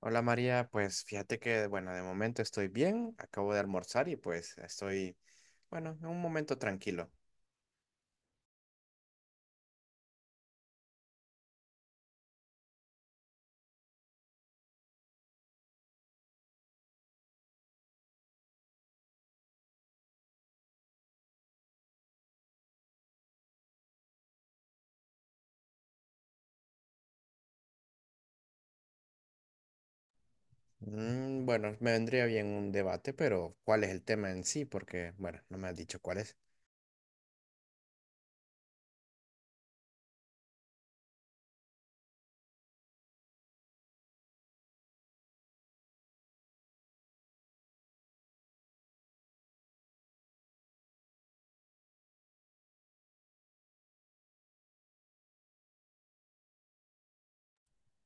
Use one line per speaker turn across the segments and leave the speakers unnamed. Hola María, pues fíjate que, bueno, de momento estoy bien, acabo de almorzar y pues estoy, bueno, en un momento tranquilo. Bueno, me vendría bien un debate, pero ¿cuál es el tema en sí? Porque, bueno, no me has dicho cuál es.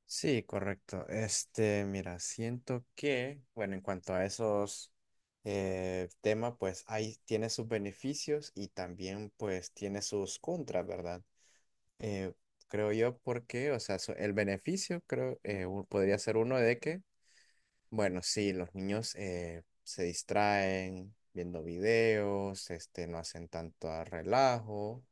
Sí, correcto. Este, mira, siento que, bueno, en cuanto a esos temas, pues ahí tiene sus beneficios y también pues tiene sus contras, ¿verdad? Eh, Creo yo porque, o sea, el beneficio creo podría ser uno de que bueno, sí, los niños se distraen viendo videos, este, no hacen tanto a relajo,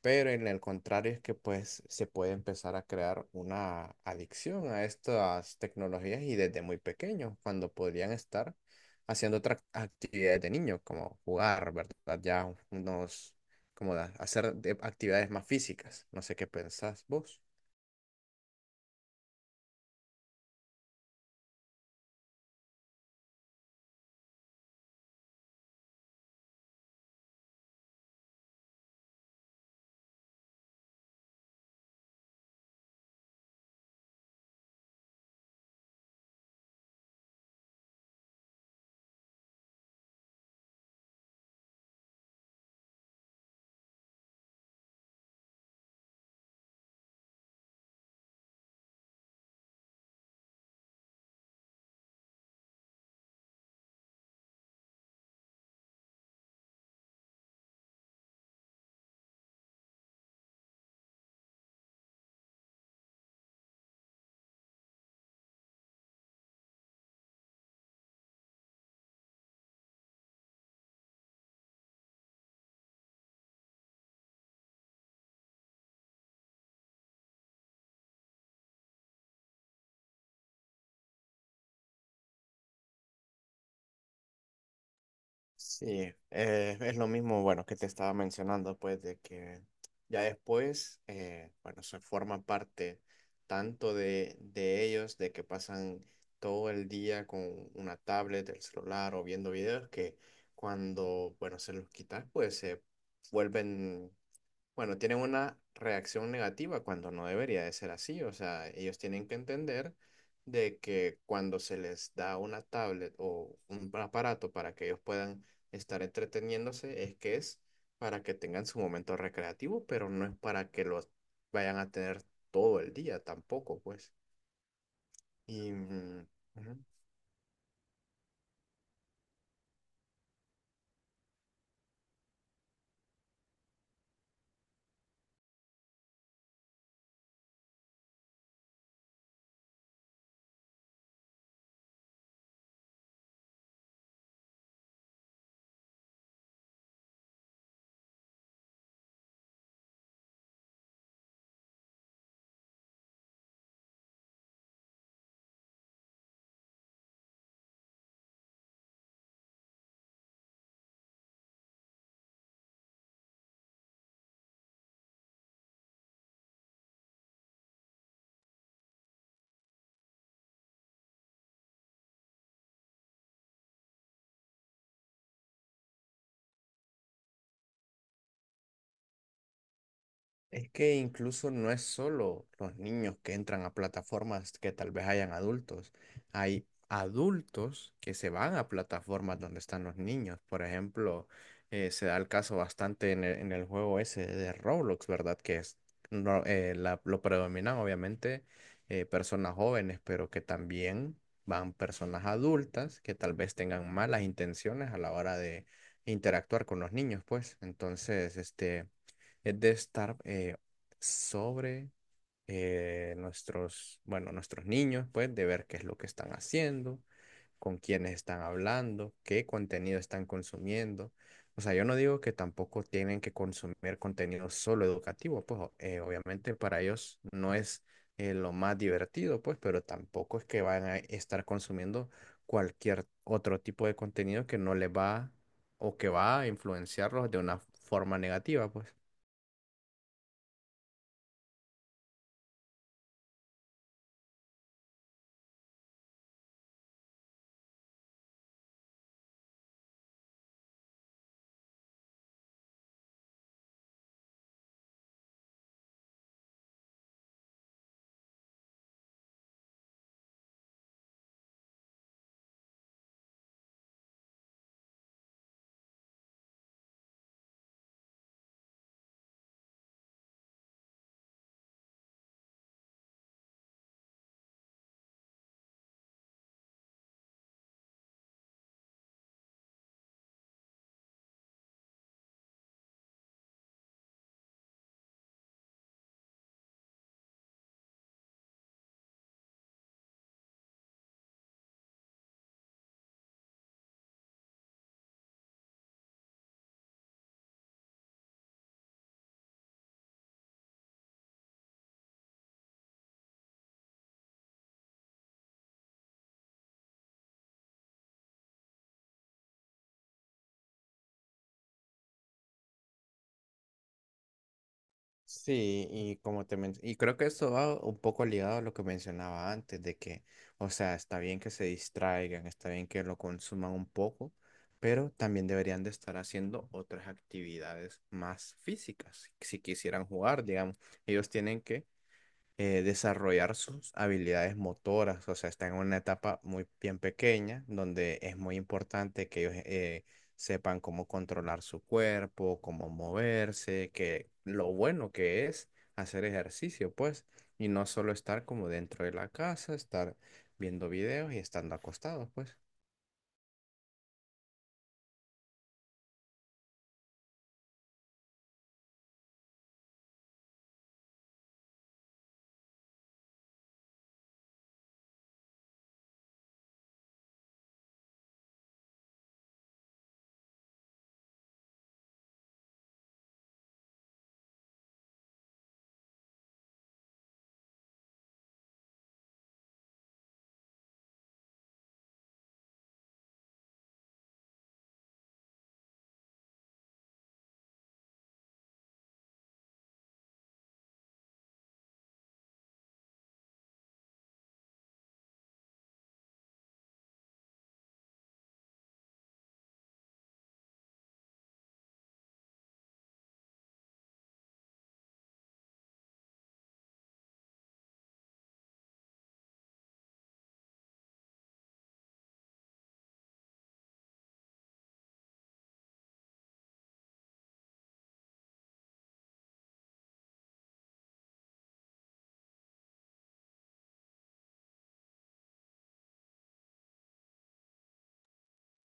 pero en el contrario es que pues se puede empezar a crear una adicción a estas tecnologías y desde muy pequeños, cuando podrían estar haciendo otras actividades de niños, como jugar, ¿verdad? Ya unos, como hacer actividades más físicas. No sé qué pensás vos. Sí, es lo mismo, bueno, que te estaba mencionando, pues, de que ya después, bueno, se forma parte tanto de ellos, de que pasan todo el día con una tablet, el celular o viendo videos, que cuando, bueno, se los quitas, pues se vuelven bueno, tienen una reacción negativa cuando no debería de ser así. O sea, ellos tienen que entender de que cuando se les da una tablet o un aparato para que ellos puedan estar entreteniéndose, es que es para que tengan su momento recreativo, pero no es para que los vayan a tener todo el día tampoco, pues. Y, ujú. Es que incluso no es solo los niños que entran a plataformas que tal vez hayan adultos. Hay adultos que se van a plataformas donde están los niños. Por ejemplo, se da el caso bastante en en el juego ese de Roblox, ¿verdad? Que es no, lo predominan obviamente personas jóvenes, pero que también van personas adultas que tal vez tengan malas intenciones a la hora de interactuar con los niños, pues. Entonces, este es de estar sobre nuestros, bueno, nuestros niños, pues, de ver qué es lo que están haciendo, con quiénes están hablando, qué contenido están consumiendo. O sea, yo no digo que tampoco tienen que consumir contenido solo educativo, pues obviamente para ellos no es lo más divertido, pues, pero tampoco es que van a estar consumiendo cualquier otro tipo de contenido que no les va o que va a influenciarlos de una forma negativa, pues. Sí, y como te y creo que esto va un poco ligado a lo que mencionaba antes, de que, o sea, está bien que se distraigan, está bien que lo consuman un poco, pero también deberían de estar haciendo otras actividades más físicas, si quisieran jugar, digamos, ellos tienen que desarrollar sus habilidades motoras, o sea, están en una etapa muy bien pequeña, donde es muy importante que ellos sepan cómo controlar su cuerpo, cómo moverse, que lo bueno que es hacer ejercicio, pues, y no solo estar como dentro de la casa, estar viendo videos y estando acostados, pues.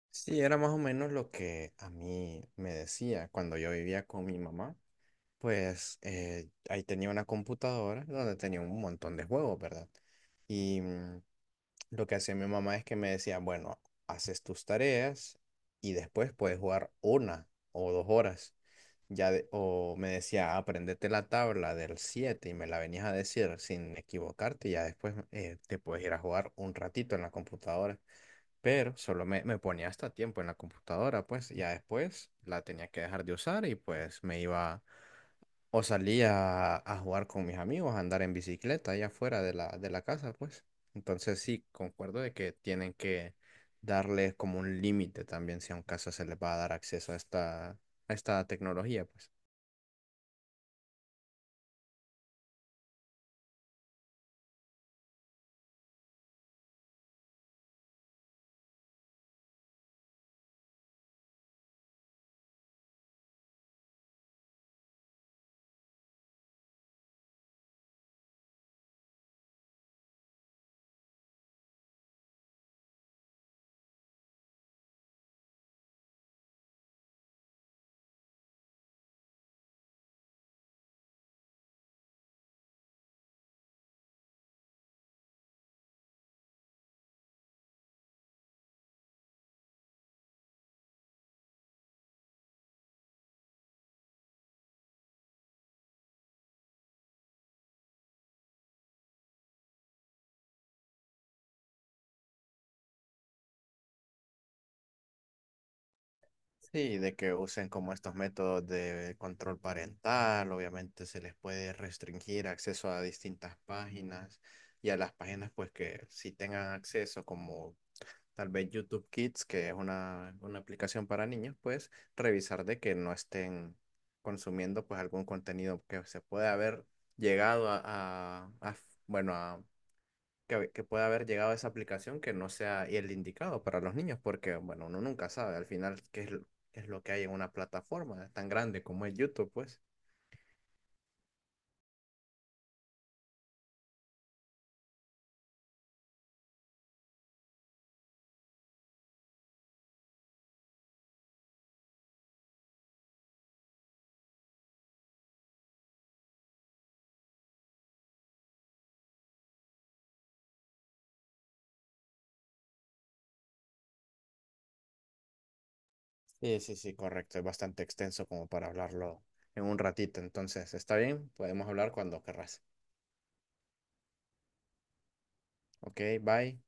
Sí, era más o menos lo que a mí me decía cuando yo vivía con mi mamá. Pues ahí tenía una computadora donde tenía un montón de juegos, ¿verdad? Y lo que hacía mi mamá es que me decía, bueno, haces tus tareas y después puedes jugar una o dos horas. Ya o me decía, aprendete la tabla del 7 y me la venías a decir sin equivocarte y ya después te puedes ir a jugar un ratito en la computadora pero solo me ponía hasta tiempo en la computadora, pues ya después la tenía que dejar de usar y pues me iba o salía a jugar con mis amigos, a andar en bicicleta allá afuera de de la casa, pues. Entonces sí, concuerdo de que tienen que darles como un límite también si a un caso se les va a dar acceso a esta tecnología, pues. Sí, de que usen como estos métodos de control parental, obviamente se les puede restringir acceso a distintas páginas y a las páginas pues que sí tengan acceso como tal vez YouTube Kids, que es una aplicación para niños, pues revisar de que no estén consumiendo pues algún contenido que se pueda haber llegado bueno, a que pueda haber llegado a esa aplicación que no sea el indicado para los niños, porque, bueno, uno nunca sabe al final qué es, qué es lo que hay en una plataforma tan grande como es YouTube, pues. Sí, sí, sí, correcto. Es bastante extenso como para hablarlo en un ratito. Entonces, está bien, podemos hablar cuando querrás. Ok, bye.